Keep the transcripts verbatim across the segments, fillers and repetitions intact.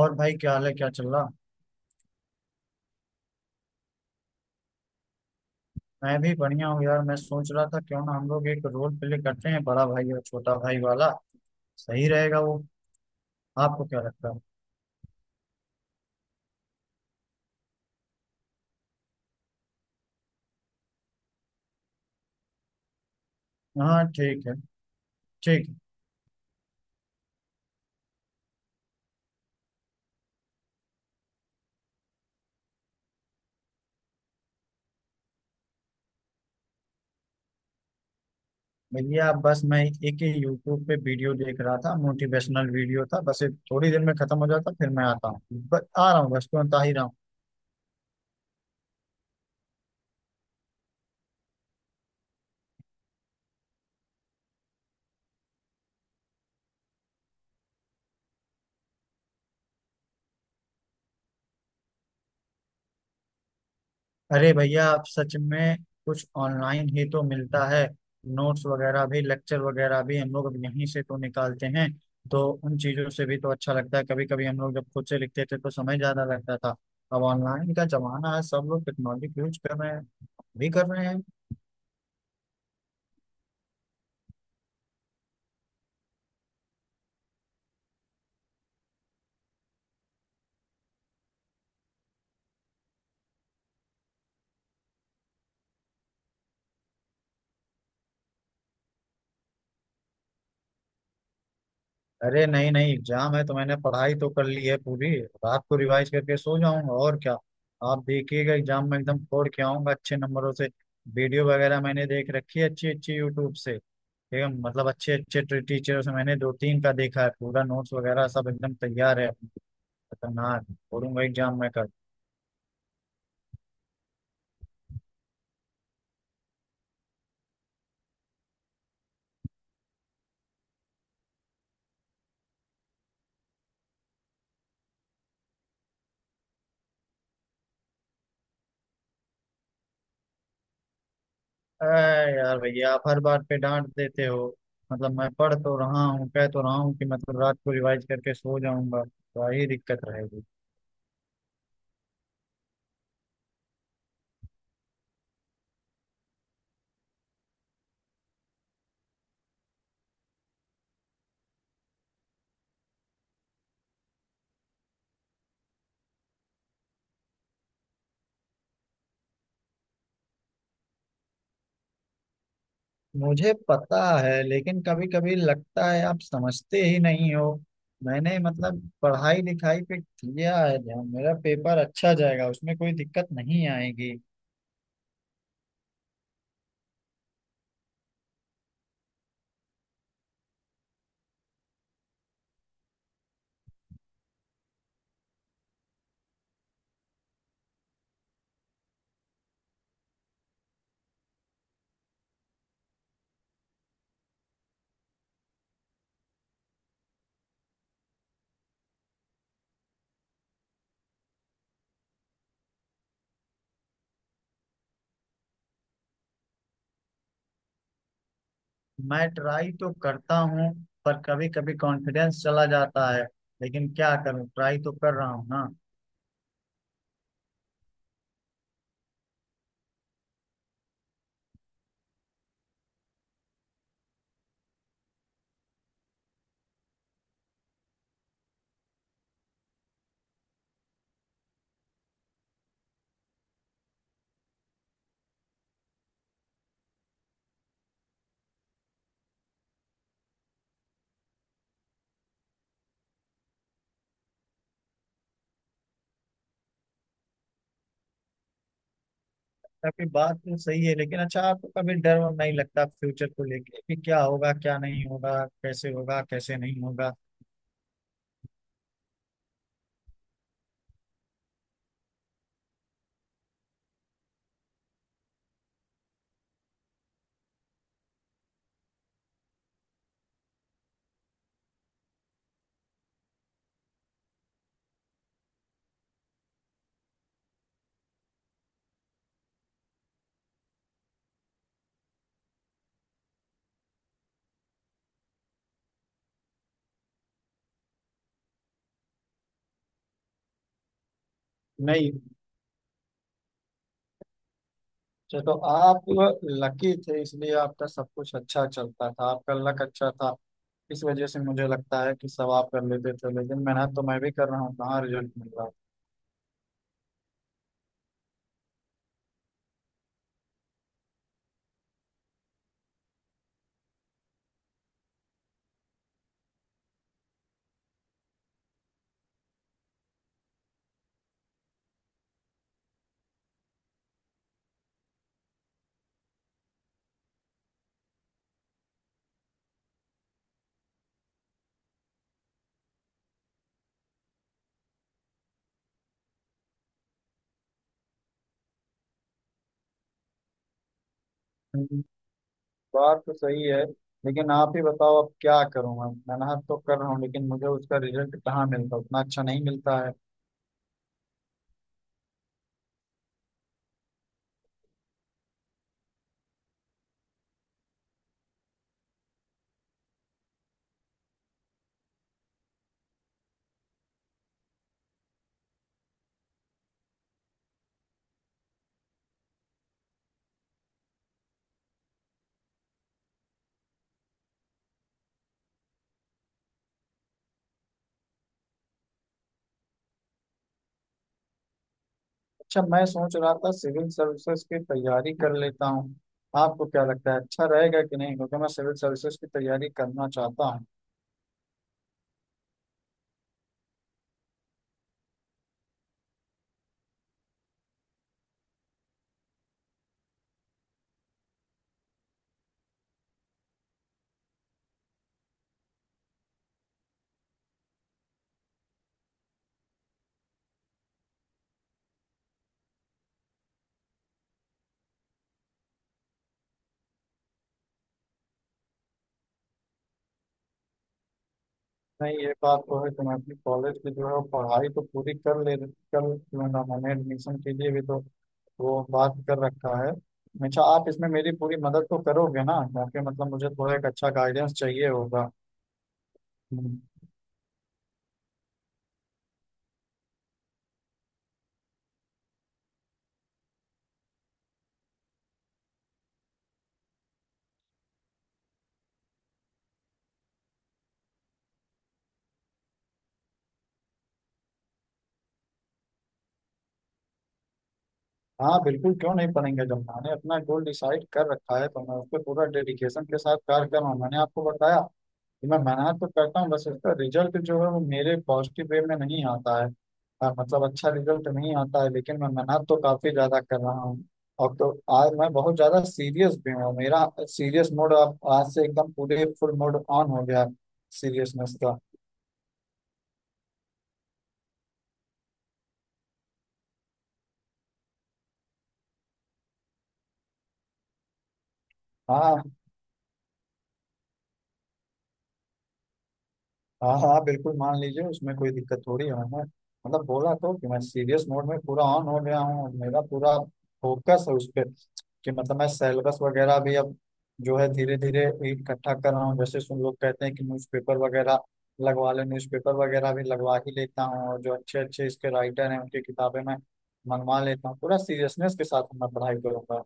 और भाई क्या हाल है, क्या चल रहा। मैं भी बढ़िया हूँ यार। मैं सोच रहा था क्यों ना हम लोग एक रोल प्ले करते हैं, बड़ा भाई और छोटा भाई वाला। सही रहेगा वो? आपको क्या लगता है? हाँ ठीक है। ठीक है। भैया बस मैं एक ही यूट्यूब पे वीडियो देख रहा था, मोटिवेशनल वीडियो था, बस ये थोड़ी देर में खत्म हो जाता फिर मैं आता हूँ। ब- आ रहा हूँ, बस तुरंत आ ही रहा हूँ। अरे भैया आप सच में। कुछ ऑनलाइन ही तो मिलता है। नोट्स वगैरह भी, लेक्चर वगैरह भी हम लोग अब यहीं से तो निकालते हैं। तो उन चीज़ों से भी तो अच्छा लगता है। कभी कभी हम लोग जब खुद से लिखते थे तो समय ज़्यादा लगता था। अब ऑनलाइन का जमाना है, सब लोग टेक्नोलॉजी यूज कर रहे हैं, हम भी कर रहे हैं। अरे नहीं नहीं, एग्जाम है तो मैंने पढ़ाई तो कर ली है, पूरी रात को रिवाइज करके सो जाऊंगा और क्या। आप देखिएगा, एग्जाम में एकदम फोड़ के आऊंगा, अच्छे नंबरों से। वीडियो वगैरह मैंने देख रखी है अच्छी अच्छी यूट्यूब से। ठीक है, मतलब अच्छे अच्छे टीचरों से मैंने दो तीन का देखा है, पूरा नोट्स वगैरह सब एकदम तैयार है। खतरनाक। फोड़ूंगा एग्जाम में कल। अरे यार भैया, आप हर बात पे डांट देते हो। मतलब मैं पढ़ तो रहा हूँ, कह तो रहा हूँ कि मतलब रात को रिवाइज करके सो जाऊंगा। तो यही दिक्कत रहेगी। मुझे पता है, लेकिन कभी कभी लगता है आप समझते ही नहीं हो। मैंने मतलब पढ़ाई लिखाई पे किया है ध्यान, मेरा पेपर अच्छा जाएगा, उसमें कोई दिक्कत नहीं आएगी। मैं ट्राई तो करता हूँ, पर कभी कभी कॉन्फिडेंस चला जाता है। लेकिन क्या करूँ, ट्राई तो कर रहा हूँ ना। काफी बात तो सही है, लेकिन अच्छा आपको कभी डर वर नहीं लगता फ्यूचर को लेके, कि क्या होगा क्या नहीं होगा, कैसे होगा कैसे नहीं होगा? नहीं, चलो आप लकी थे इसलिए आपका सब कुछ अच्छा चलता था, आपका लक अच्छा था। इस वजह से मुझे लगता है कि सब आप कर लेते थे, लेकिन मेहनत तो मैं भी कर रहा हूँ, कहाँ रिजल्ट मिल रहा है। हम्म, बात तो सही है। लेकिन आप ही बताओ अब क्या करूँ मैं। मेहनत तो कर रहा हूँ, लेकिन मुझे उसका रिजल्ट कहाँ मिलता, उतना अच्छा नहीं मिलता है। अच्छा, मैं सोच रहा था सिविल सर्विसेज की तैयारी कर लेता हूँ। आपको क्या लगता है, अच्छा रहेगा कि नहीं? क्योंकि मैं सिविल सर्विसेज की तैयारी करना चाहता हूँ। नहीं, ये बात तो है, तुम अपनी कॉलेज की जो है वो पढ़ाई तो पूरी कर ले कर। क्यों ना, मैंने एडमिशन के लिए भी तो वो बात कर रखा है। अच्छा, आप इसमें मेरी पूरी मदद तो करोगे ना? क्योंकि मतलब मुझे थोड़ा एक अच्छा गाइडेंस चाहिए होगा। हम्म। हाँ बिल्कुल, क्यों नहीं पढ़ेंगे? जब मैंने अपना गोल डिसाइड कर रखा है तो मैं उस पर पूरा डेडिकेशन के साथ कार्य कर रहा हूँ। मैंने आपको बताया कि मैं मेहनत तो करता हूँ, बस उसका रिजल्ट जो है वो मेरे पॉजिटिव वे में नहीं आता है। हाँ, मतलब अच्छा रिजल्ट नहीं आता है, लेकिन मैं मेहनत तो काफी ज्यादा कर रहा हूँ और तो। आज मैं बहुत ज्यादा सीरियस भी हूँ, मेरा सीरियस मोड अब आज से एकदम पूरे फुल मोड ऑन हो गया, सीरियसनेस का। हाँ हाँ हाँ हाँ, बिल्कुल मान लीजिए, उसमें कोई दिक्कत थोड़ी है। मैंने मतलब बोला तो कि मैं सीरियस मोड में पूरा ऑन हो गया हूँ और मेरा पूरा फोकस है उस पर। कि मतलब मैं सिलेबस वगैरह भी अब जो है धीरे धीरे इकट्ठा कर रहा हूँ। जैसे सुन लोग कहते हैं कि न्यूज़पेपर वगैरह लगवा ले, न्यूज़पेपर वगैरह भी लगवा ही लेता हूँ। और जो अच्छे अच्छे इसके राइटर हैं, उनकी किताबें मैं मंगवा लेता हूँ। पूरा सीरियसनेस के साथ मैं पढ़ाई करूँगा।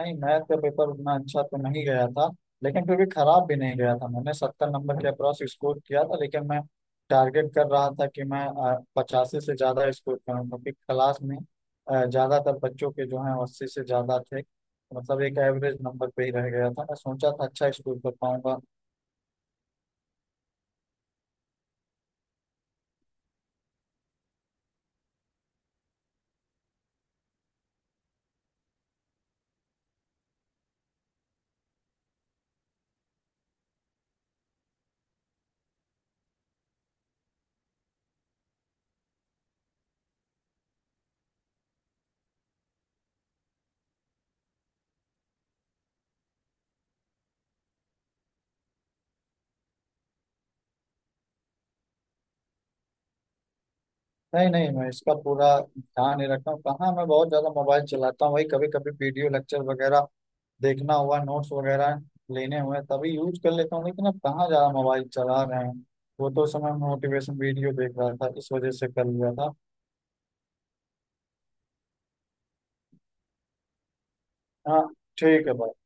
नहीं, मैथ का पेपर उतना अच्छा तो नहीं गया था, लेकिन फिर भी खराब भी नहीं गया था। मैंने सत्तर नंबर के अप्रॉक्स स्कोर किया था, लेकिन मैं टारगेट कर रहा था कि मैं पचासी से ज़्यादा स्कोर करूँ, क्योंकि क्लास में अ, ज़्यादातर बच्चों के जो हैं अस्सी से ज़्यादा थे। मतलब एक एवरेज नंबर पे ही रह गया था, मैं सोचा था अच्छा स्कोर कर पाऊंगा। नहीं नहीं, मैं इसका पूरा ध्यान नहीं रखता हूँ, कहाँ मैं बहुत ज़्यादा मोबाइल चलाता हूँ। वही कभी कभी वीडियो लेक्चर वगैरह देखना हुआ, नोट्स वगैरह लेने हुए, तभी यूज कर लेता हूँ। लेकिन अब कहाँ ज्यादा मोबाइल चला रहे हैं। वो तो उस समय मोटिवेशन वीडियो देख रहा था, इस वजह से कर लिया था। हाँ ठीक है भाई।